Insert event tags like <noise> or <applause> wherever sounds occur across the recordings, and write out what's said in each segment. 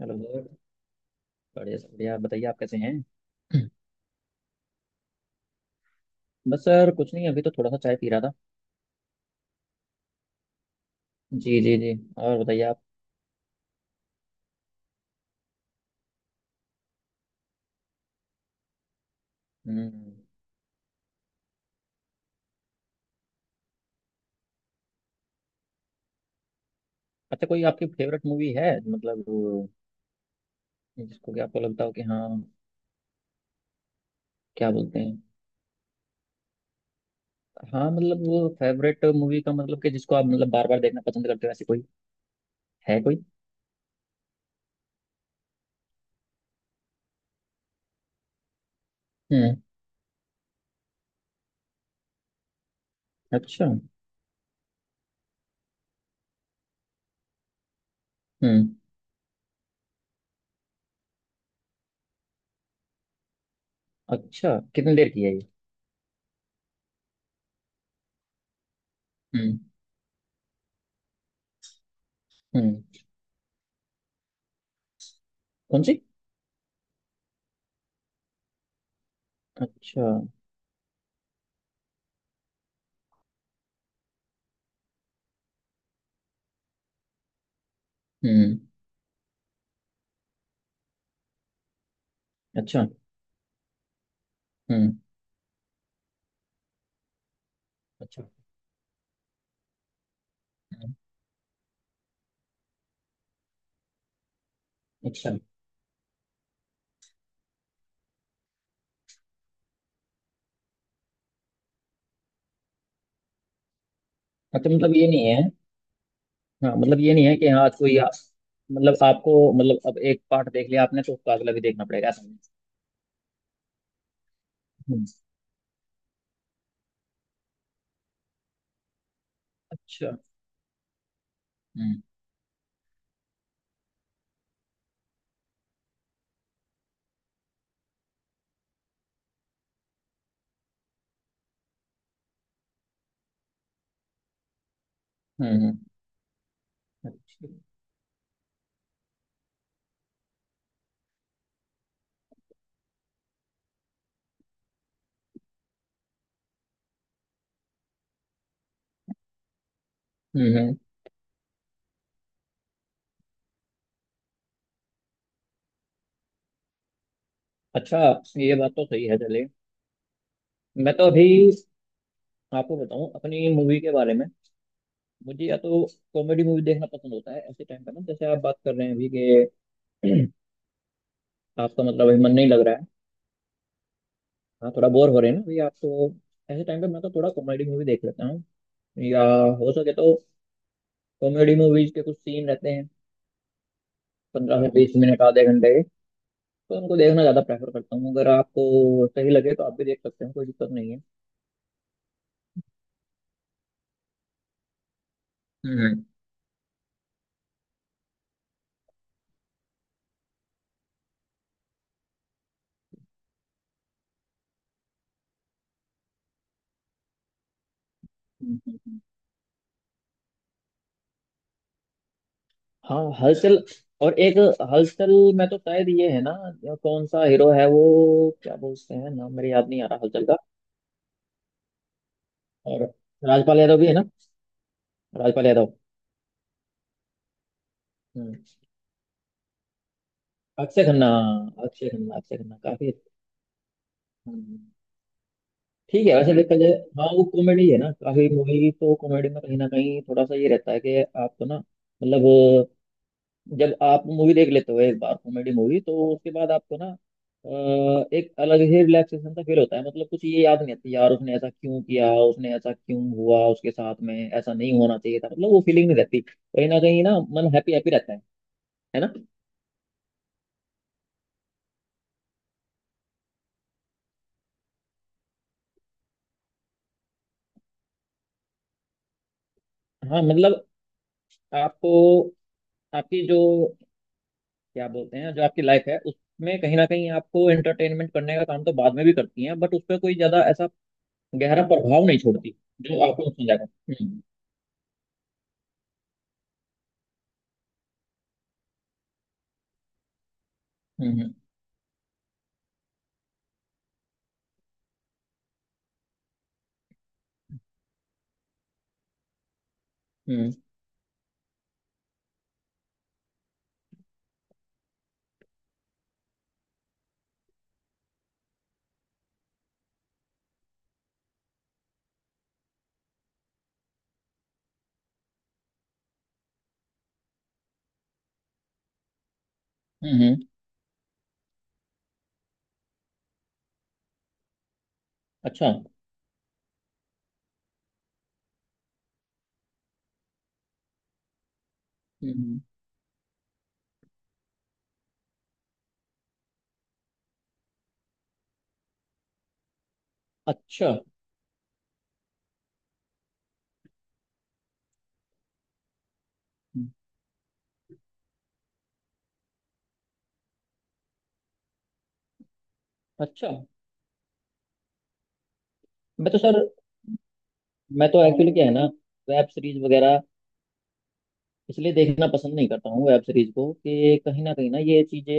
Hello sir. बढ़िया sir, बढ़िया। बताइए आप कैसे हैं? <clears throat> बस सर कुछ नहीं, अभी तो थोड़ा सा चाय पी रहा था। जी जी जी। और बताइए आप। हम्म। अच्छा, कोई आपकी फेवरेट मूवी है मतलब वो, जिसको कि आपको लगता हो कि हाँ, क्या बोलते हैं। हाँ मतलब वो फेवरेट मूवी का मतलब कि जिसको आप मतलब बार बार देखना पसंद करते हो, ऐसी कोई है कोई। हम्म। अच्छा। हम्म। अच्छा कितनी देर की है ये? हम्म। हम्म। कौन सी? अच्छा। हम्म। अच्छा। हम्म। अच्छा। हम्म, अच्छा। अच्छा मतलब ये नहीं है। हाँ मतलब ये नहीं है कि हाँ आज कोई मतलब आपको मतलब अब एक पार्ट देख लिया आपने तो उसका अगला भी देखना पड़ेगा, ऐसा नहीं है। हम्म। अच्छा। हम्म। हम्म। अच्छा। हम्म। हम्म। अच्छा। ये बात तो सही है, चलिए। मैं तो अभी आपको बताऊं अपनी मूवी के बारे में। मुझे या तो कॉमेडी मूवी देखना पसंद होता है ऐसे टाइम पे ना, जैसे आप बात कर रहे हैं अभी कि <clears throat> आपका मतलब अभी मन नहीं लग रहा है। हाँ थोड़ा बोर हो रहे हैं ना अभी आप तो, ऐसे टाइम पे मैं तो थोड़ा कॉमेडी मूवी देख लेता हूँ, या हो सके तो कॉमेडी मूवीज के कुछ सीन रहते हैं 15 से 20 मिनट आधे घंटे के, तो उनको देखना ज़्यादा प्रेफर करता हूँ। अगर आपको सही लगे तो आप भी देख सकते हैं, कोई दिक्कत नहीं है। हम्म। हम्म। हाँ हलचल। और एक हलचल में तो शायद ये है ना, या कौन सा हीरो है वो, क्या बोलते हैं नाम, मेरे याद नहीं आ रहा हलचल का। और राजपाल यादव भी है ना। राजपाल यादव। हम्म। अक्षय खन्ना। अक्षय खन्ना काफी। हम्म, ठीक है वैसे देखा जाए। हाँ वो कॉमेडी है ना, काफी मूवी तो कॉमेडी में कहीं ना कहीं थोड़ा सा ये रहता है कि आपको ना मतलब, जब आप मूवी देख लेते हो एक बार कॉमेडी मूवी, तो उसके बाद आपको ना एक अलग ही रिलैक्सेशन सा फील होता है, मतलब कुछ ये याद नहीं आती यार उसने ऐसा क्यों किया, उसने ऐसा क्यों हुआ, उसके साथ में ऐसा नहीं होना चाहिए था, मतलब वो फीलिंग नहीं रहती कहीं ना कहीं ना। मन हैप्पी हैप्पी रहता है ना। हाँ मतलब आपको, आपकी जो क्या बोलते हैं, जो आपकी लाइफ है उसमें कहीं ना कहीं आपको एंटरटेनमेंट करने का काम तो बाद में भी करती है, बट उस पर कोई ज्यादा ऐसा गहरा प्रभाव नहीं छोड़ती जो आपको नुकसान जाएगा। हम्म। हम्म। हम्म। हम्म। हम्म, हम्म। अच्छा। हम्म, अच्छा। हम्म, अच्छा। मैं तो सर, मैं तो एक्चुअली क्या है ना, वेब सीरीज वगैरह इसलिए देखना पसंद नहीं करता हूँ वेब सीरीज को, कि कहीं ना ये चीजें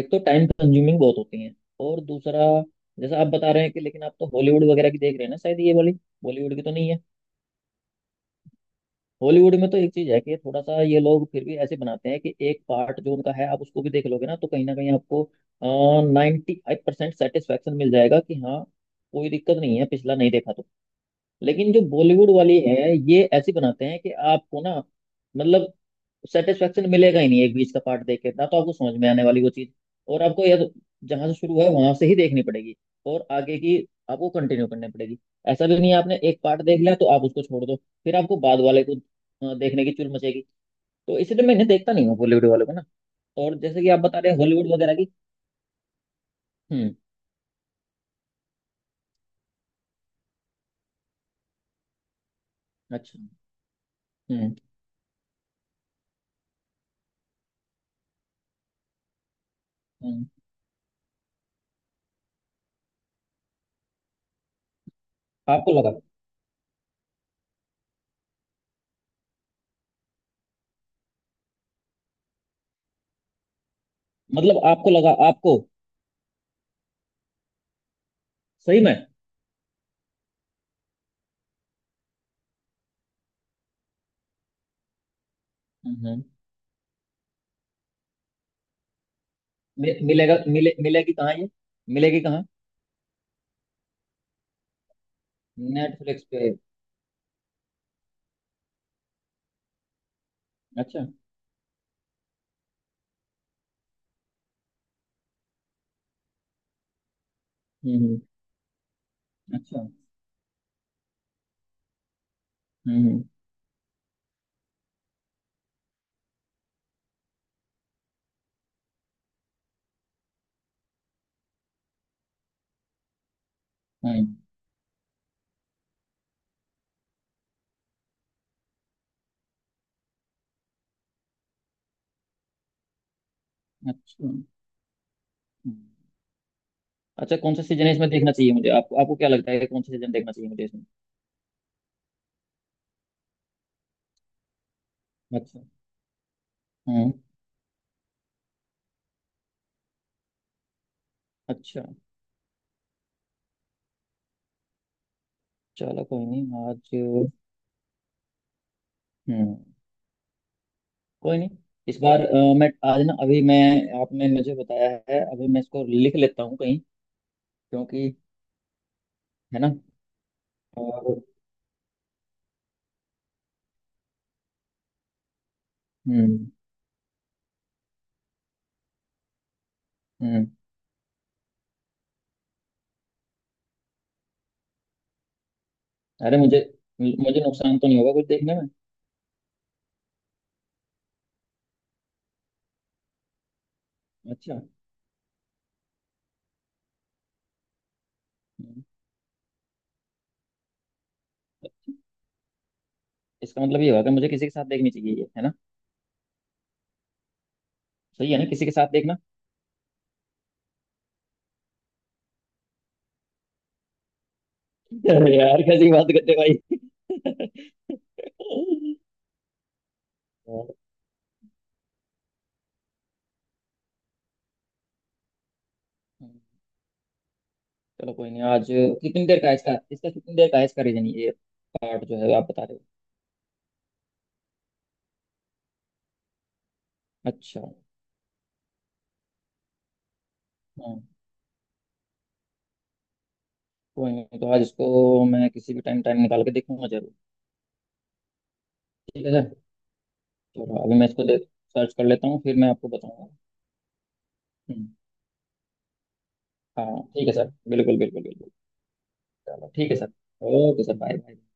एक तो टाइम कंज्यूमिंग बहुत होती हैं, और दूसरा जैसा आप बता रहे हैं कि, लेकिन आप तो हॉलीवुड वगैरह की देख रहे हैं ना शायद, ये वाली बॉलीवुड की तो नहीं है। हॉलीवुड में तो एक चीज है कि थोड़ा सा ये लोग फिर भी ऐसे बनाते हैं कि एक पार्ट जो उनका है आप उसको भी देख लोगे ना, तो कहीं ना कहीं आपको 95% सेटिस्फेक्शन मिल जाएगा कि हाँ, कोई दिक्कत नहीं है पिछला नहीं देखा तो। लेकिन जो बॉलीवुड वाली है, ये ऐसी बनाते हैं कि आपको ना मतलब सेटिस्फेक्शन मिलेगा ही नहीं एक बीच का पार्ट देख के ना, तो आपको समझ में आने वाली वो चीज। और आपको यार जहां से शुरू हुआ है वहां से ही देखनी पड़ेगी, और आगे की आपको कंटिन्यू करनी पड़ेगी। ऐसा भी नहीं है आपने एक पार्ट देख लिया तो आप उसको छोड़ दो, फिर आपको बाद वाले को देखने की चुल मचेगी। तो इसलिए मैं इन्हें देखता नहीं हूँ बॉलीवुड वालों को ना, और जैसे कि आप बता रहे हैं हॉलीवुड वगैरह की। हम्म। अच्छा। हम्म। हम्म। आपको लगा, मतलब आपको लगा? आपको सही में? हम्म। हम्म। मि- मिलेगा मिले मिलेगी कहाँ ये? मिलेगी कहाँ? नेटफ्लिक्स पे? अच्छा। हम्म। अच्छा। हम्म। हम्म, अच्छा। हम्म। अच्छा कौन सा सीजन इसमें देखना चाहिए मुझे, आपको आपको क्या लगता है कि कौन सा सीजन देखना चाहिए मुझे इसमें? अच्छा। हम्म। अच्छा चलो कोई नहीं आज। हम्म। कोई नहीं, इस बार मैं आज ना, अभी मैं, आपने मुझे बताया है अभी, मैं इसको लिख लेता हूँ कहीं, क्योंकि है ना। और हम्म। हम्म। अरे मुझे मुझे नुकसान तो नहीं होगा कुछ देखने में? अच्छा इसका मतलब ये हुआ कि मुझे किसी के साथ देखनी चाहिए ये, है ना? सही है ना, किसी के साथ देखना। <laughs> अरे यार कैसी बात करते हो भाई। <laughs> और, हम्म, चलो कोई नहीं आज। कितनी देर का है इसका इसका कितनी देर का है, इसका रीजन, ये पार्ट जो है आप बता रहे हो। अच्छा। हाँ कोई नहीं, तो आज इसको मैं किसी भी टाइम टाइम निकाल के देखूंगा जरूर। ठीक है सर। चलो अभी मैं इसको देख, सर्च कर लेता हूँ, फिर मैं आपको बताऊंगा। हम्म, हाँ ठीक है सर। बिल्कुल बिल्कुल बिल्कुल। चलो ठीक है sir. Okay sir, bye bye.